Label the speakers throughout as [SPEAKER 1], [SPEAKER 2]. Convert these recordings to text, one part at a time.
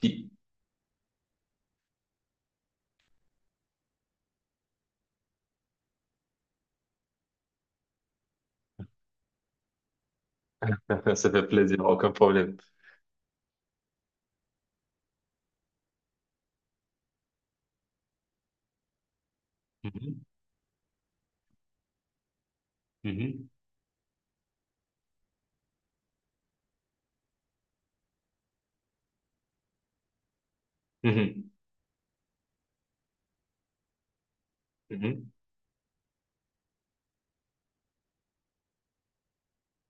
[SPEAKER 1] Qui? Ça fait plaisir, aucun problème. Mhm, mhm, mhm, mhm,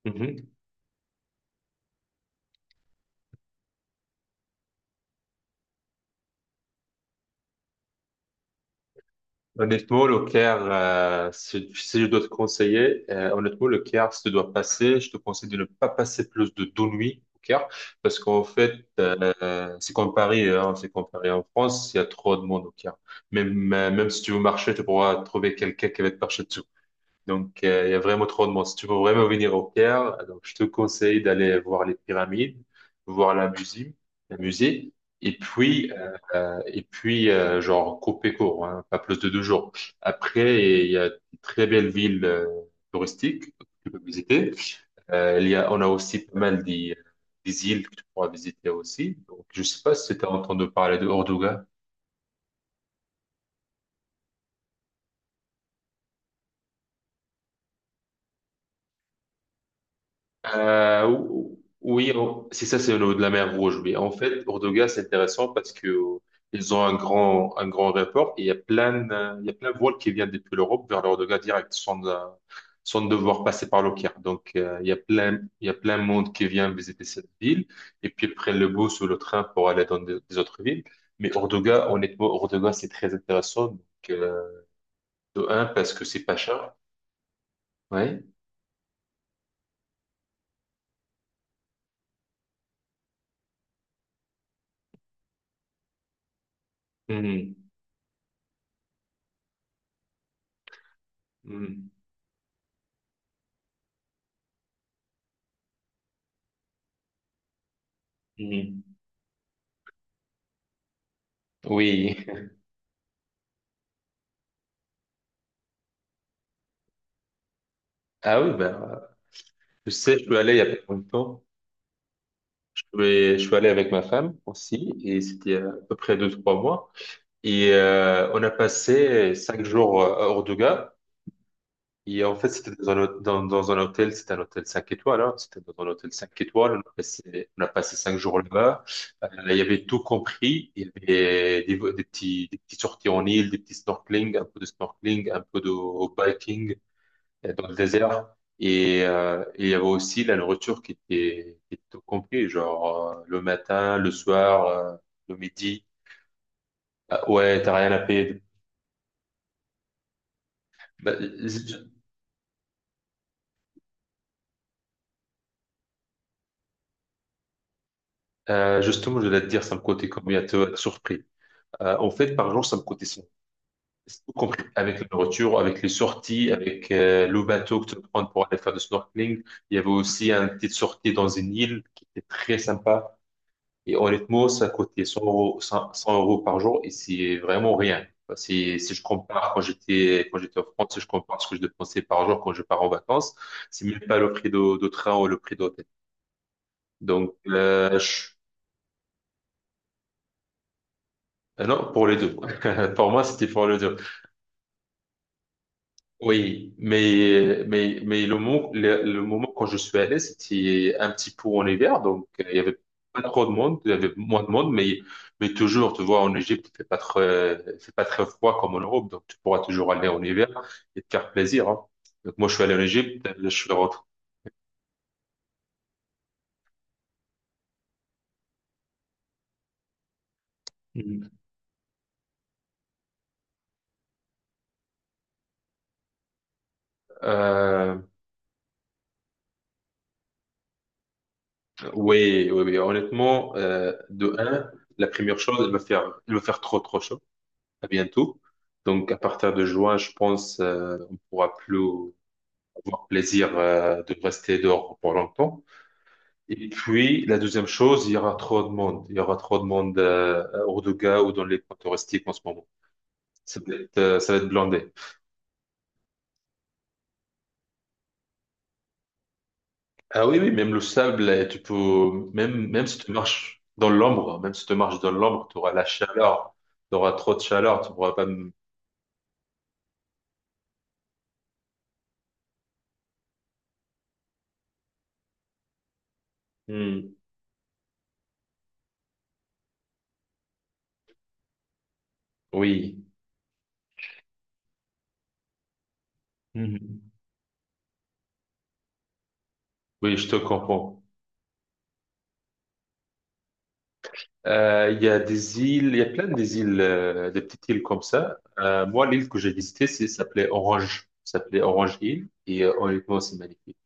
[SPEAKER 1] mhm. Honnêtement, le Caire, si je dois te conseiller, honnêtement, le Caire, si tu dois passer, je te conseille de ne pas passer plus de deux nuits au Caire, parce qu'en fait, c'est comme Paris, hein, c'est comme Paris en France, il y a trop de monde au Caire. Même si tu veux marcher, tu pourras trouver quelqu'un qui va te marcher. Donc, il y a vraiment trop de monde. Si tu veux vraiment venir au Caire, donc je te conseille d'aller voir les pyramides, voir la musée, la musée, et puis, genre couper court, hein, pas plus de deux jours. Après, il y a de très belles villes touristiques que tu peux visiter. On a aussi pas mal des îles que tu pourras visiter aussi. Donc, je sais pas si tu as entendu parler de Orduga. Euh, ou- oui, c'est ça, c'est de la mer Rouge. Mais en fait, Ordoga, c'est intéressant parce que ils ont un grand aéroport et il y a plein, il y a plein de vols qui viennent depuis l'Europe vers l'Ordoga direct, sans devoir passer par le Caire. Donc, il y a plein de monde qui vient visiter cette ville et puis ils prennent le bus ou le train pour aller dans des autres villes. Mais Ordoga, honnêtement, Ordoga, c'est très intéressant. Donc, euh, de un, parce que c'est pas cher. Ouais. Mhm. Mhm. Mhm. Oui. Ah oui, ben, je sais, je suis allé il y a pas longtemps. Je suis allé avec ma femme aussi, et c'était à peu près deux, trois mois. Et on a passé cinq jours à Orduga. Et en fait, c'était dans un hôtel, c'était un hôtel cinq étoiles, hein. C'était dans un hôtel cinq étoiles. On a passé cinq jours là-bas. Il y avait tout compris. Il y avait des petits sorties en île, des petits snorkeling, un peu de snorkeling, un peu de biking dans le désert. Et il y avait aussi la nourriture qui était au complet, genre le matin, le soir, le midi. Ah, ouais, t'as rien à payer. Bah, justement, je vais te dire, ça me coûtait combien, tu vas être surpris. En fait, par jour, ça me coûtait 100. C'est tout compris, avec la nourriture, avec les sorties, avec le bateau que tu peux prendre pour aller faire du snorkeling. Il y avait aussi une petite sortie dans une île qui était très sympa. Et honnêtement, ça coûtait 100 euros, 100 euros par jour et c'est vraiment rien. Enfin, si je compare quand j'étais en France, si je compare ce que je dépensais par jour quand je pars en vacances, c'est même pas le prix de train ou le prix d'hôtel. Donc, non, pour les deux. Pour moi, c'était pour les deux. Oui, mais le moment quand je suis allé, c'était un petit peu en hiver, donc il y avait pas trop de monde, il y avait moins de monde, mais toujours, tu vois, en Égypte, il fait pas très froid comme en Europe, donc tu pourras toujours aller en hiver et te faire plaisir, hein. Donc moi, je suis allé en Égypte, je suis rentré. Mhm. Euh, oui, oui, oui, honnêtement, de un, la première chose, elle va faire trop, trop chaud, à bientôt. Donc, à partir de juin, je pense, on pourra plus, avoir plaisir de rester dehors pour longtemps. Et puis, la deuxième chose, il y aura trop de monde. Il y aura trop de monde à Hurghada ou dans les coins touristiques en ce moment. Ça va être blindé. Ah oui, oui, même le sable, même si tu marches dans l'ombre, même si tu marches dans l'ombre, tu auras la chaleur. Tu auras trop de chaleur, tu pourras pas. Hmm. Oui. Mhm. Oui, je te comprends. Il y a des îles, il y a plein des îles, des petites îles comme ça. Moi, l'île que j'ai visitée, s'appelait Orange. S'appelait Orange Hill. Et honnêtement, c'est magnifique.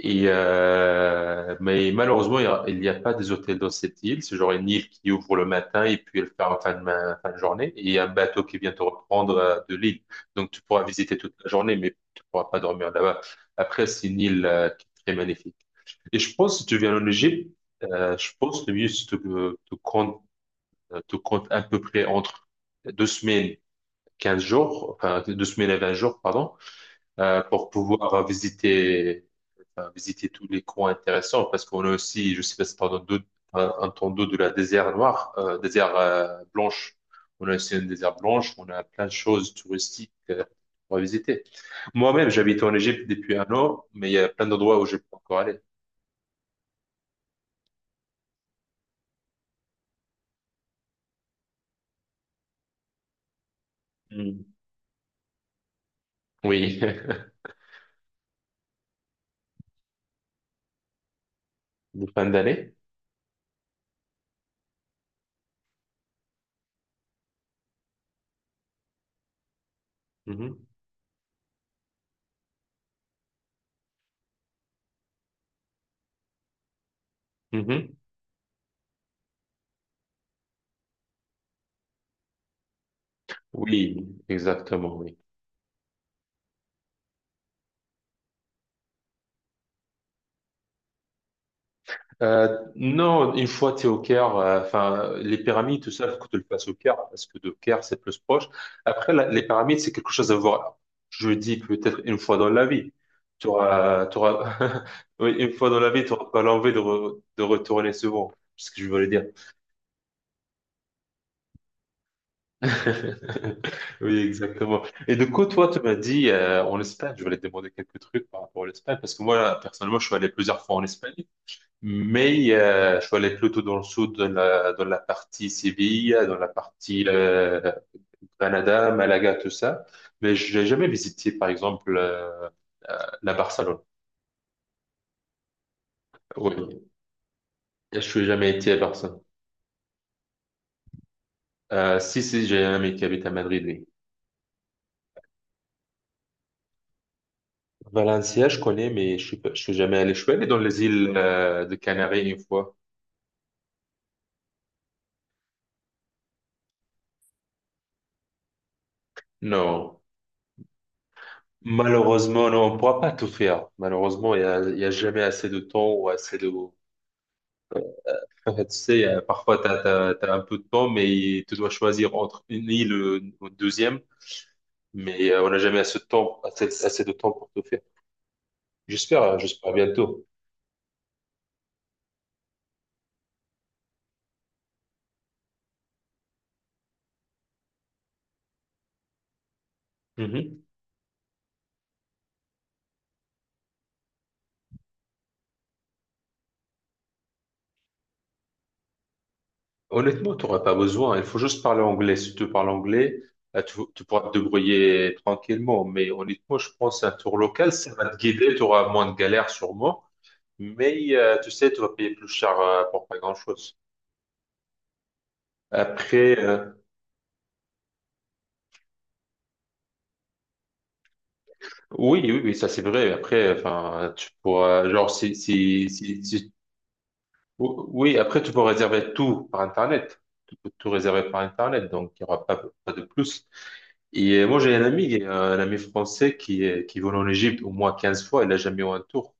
[SPEAKER 1] Mais malheureusement, il n'y a pas des hôtels dans cette île. C'est genre une île qui ouvre le matin et puis elle ferme en fin de journée. Et il y a un bateau qui vient te reprendre de l'île. Donc tu pourras visiter toute la journée, mais tu pourras pas dormir là-bas. Après, c'est une île qui est très magnifique. Et je pense, si tu viens en Égypte, je pense le mieux, c'est de tout compte à peu près entre deux semaines, 15 jours, enfin deux semaines et 20 jours, pardon, pour pouvoir visiter, enfin, visiter tous les coins intéressants, parce qu'on a aussi, je sais pas si t'as entendu, de la désert noire, désert blanche. On a aussi une désert blanche, on a plein de choses touristiques à visiter. Moi-même, j'habite en Égypte depuis un an, mais il y a plein d'endroits où je peux encore aller. Mm. Oui, de fin d'année. Mhm. Mhm. Oui, exactement, oui. Euh, non, une fois tu es au Caire, enfin, les pyramides, tout ça, faut que tu le fasses au Caire, parce que de Caire, c'est plus proche. Après, les pyramides, c'est quelque chose à voir. Je dis peut-être une fois dans la vie. Tu auras, tu auras... Oui, une fois dans la vie, tu n'auras pas l'envie de retourner souvent. C'est ce que je voulais dire. Oui, exactement. Et du coup, toi, tu m'as dit en Espagne, je voulais te demander quelques trucs par rapport à l'Espagne, parce que moi, personnellement, je suis allé plusieurs fois en Espagne. Mais je suis allé plutôt dans le sud, dans la partie Séville, dans la partie Granada, Malaga, tout ça. Mais j'ai jamais visité, par exemple, euh, la Barcelone. Oui, je suis jamais été à Barcelone. Si, si, j'ai un ami qui habite à Madrid, oui. Valencia, je connais, mais je suis jamais allé. Je suis allé dans les îles de Canaries une fois. Non. Malheureusement, non, on ne pourra pas tout faire. Malheureusement, il y a jamais assez de temps ou assez de. Tu sais, parfois, tu as un peu de temps, mais tu dois choisir entre une île ou une deuxième. Mais on n'a jamais assez de temps pour tout faire. J'espère bientôt. Mhm. Honnêtement, tu n'auras pas besoin. Il faut juste parler anglais. Si tu parles anglais, tu pourras te débrouiller tranquillement. Mais honnêtement, je pense un tour local, ça va te guider. Tu auras moins de galères sûrement. Mais tu sais, tu vas payer plus cher pour pas grand-chose. Après, oui, oui, oui, ça c'est vrai. Après, enfin, tu pourras, genre, oui, après, tu peux réserver tout par Internet. Tu peux tout réserver par Internet, donc il n'y aura pas de plus. Et moi, j'ai un ami français qui vole en Égypte au moins 15 fois. Elle n'a jamais eu un tour.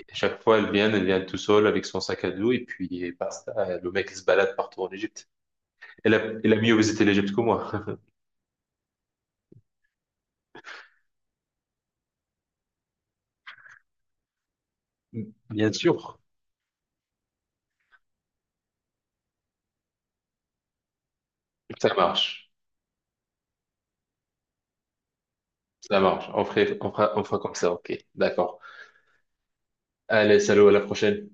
[SPEAKER 1] Et chaque fois, elle vient tout seule avec son sac à dos et puis basta. Le mec, il se balade partout en Égypte. Elle a, elle a mieux visité l'Égypte que moi. Bien sûr. Ça marche. Ça marche. On fera comme ça. OK. D'accord. Allez, salut, à la prochaine.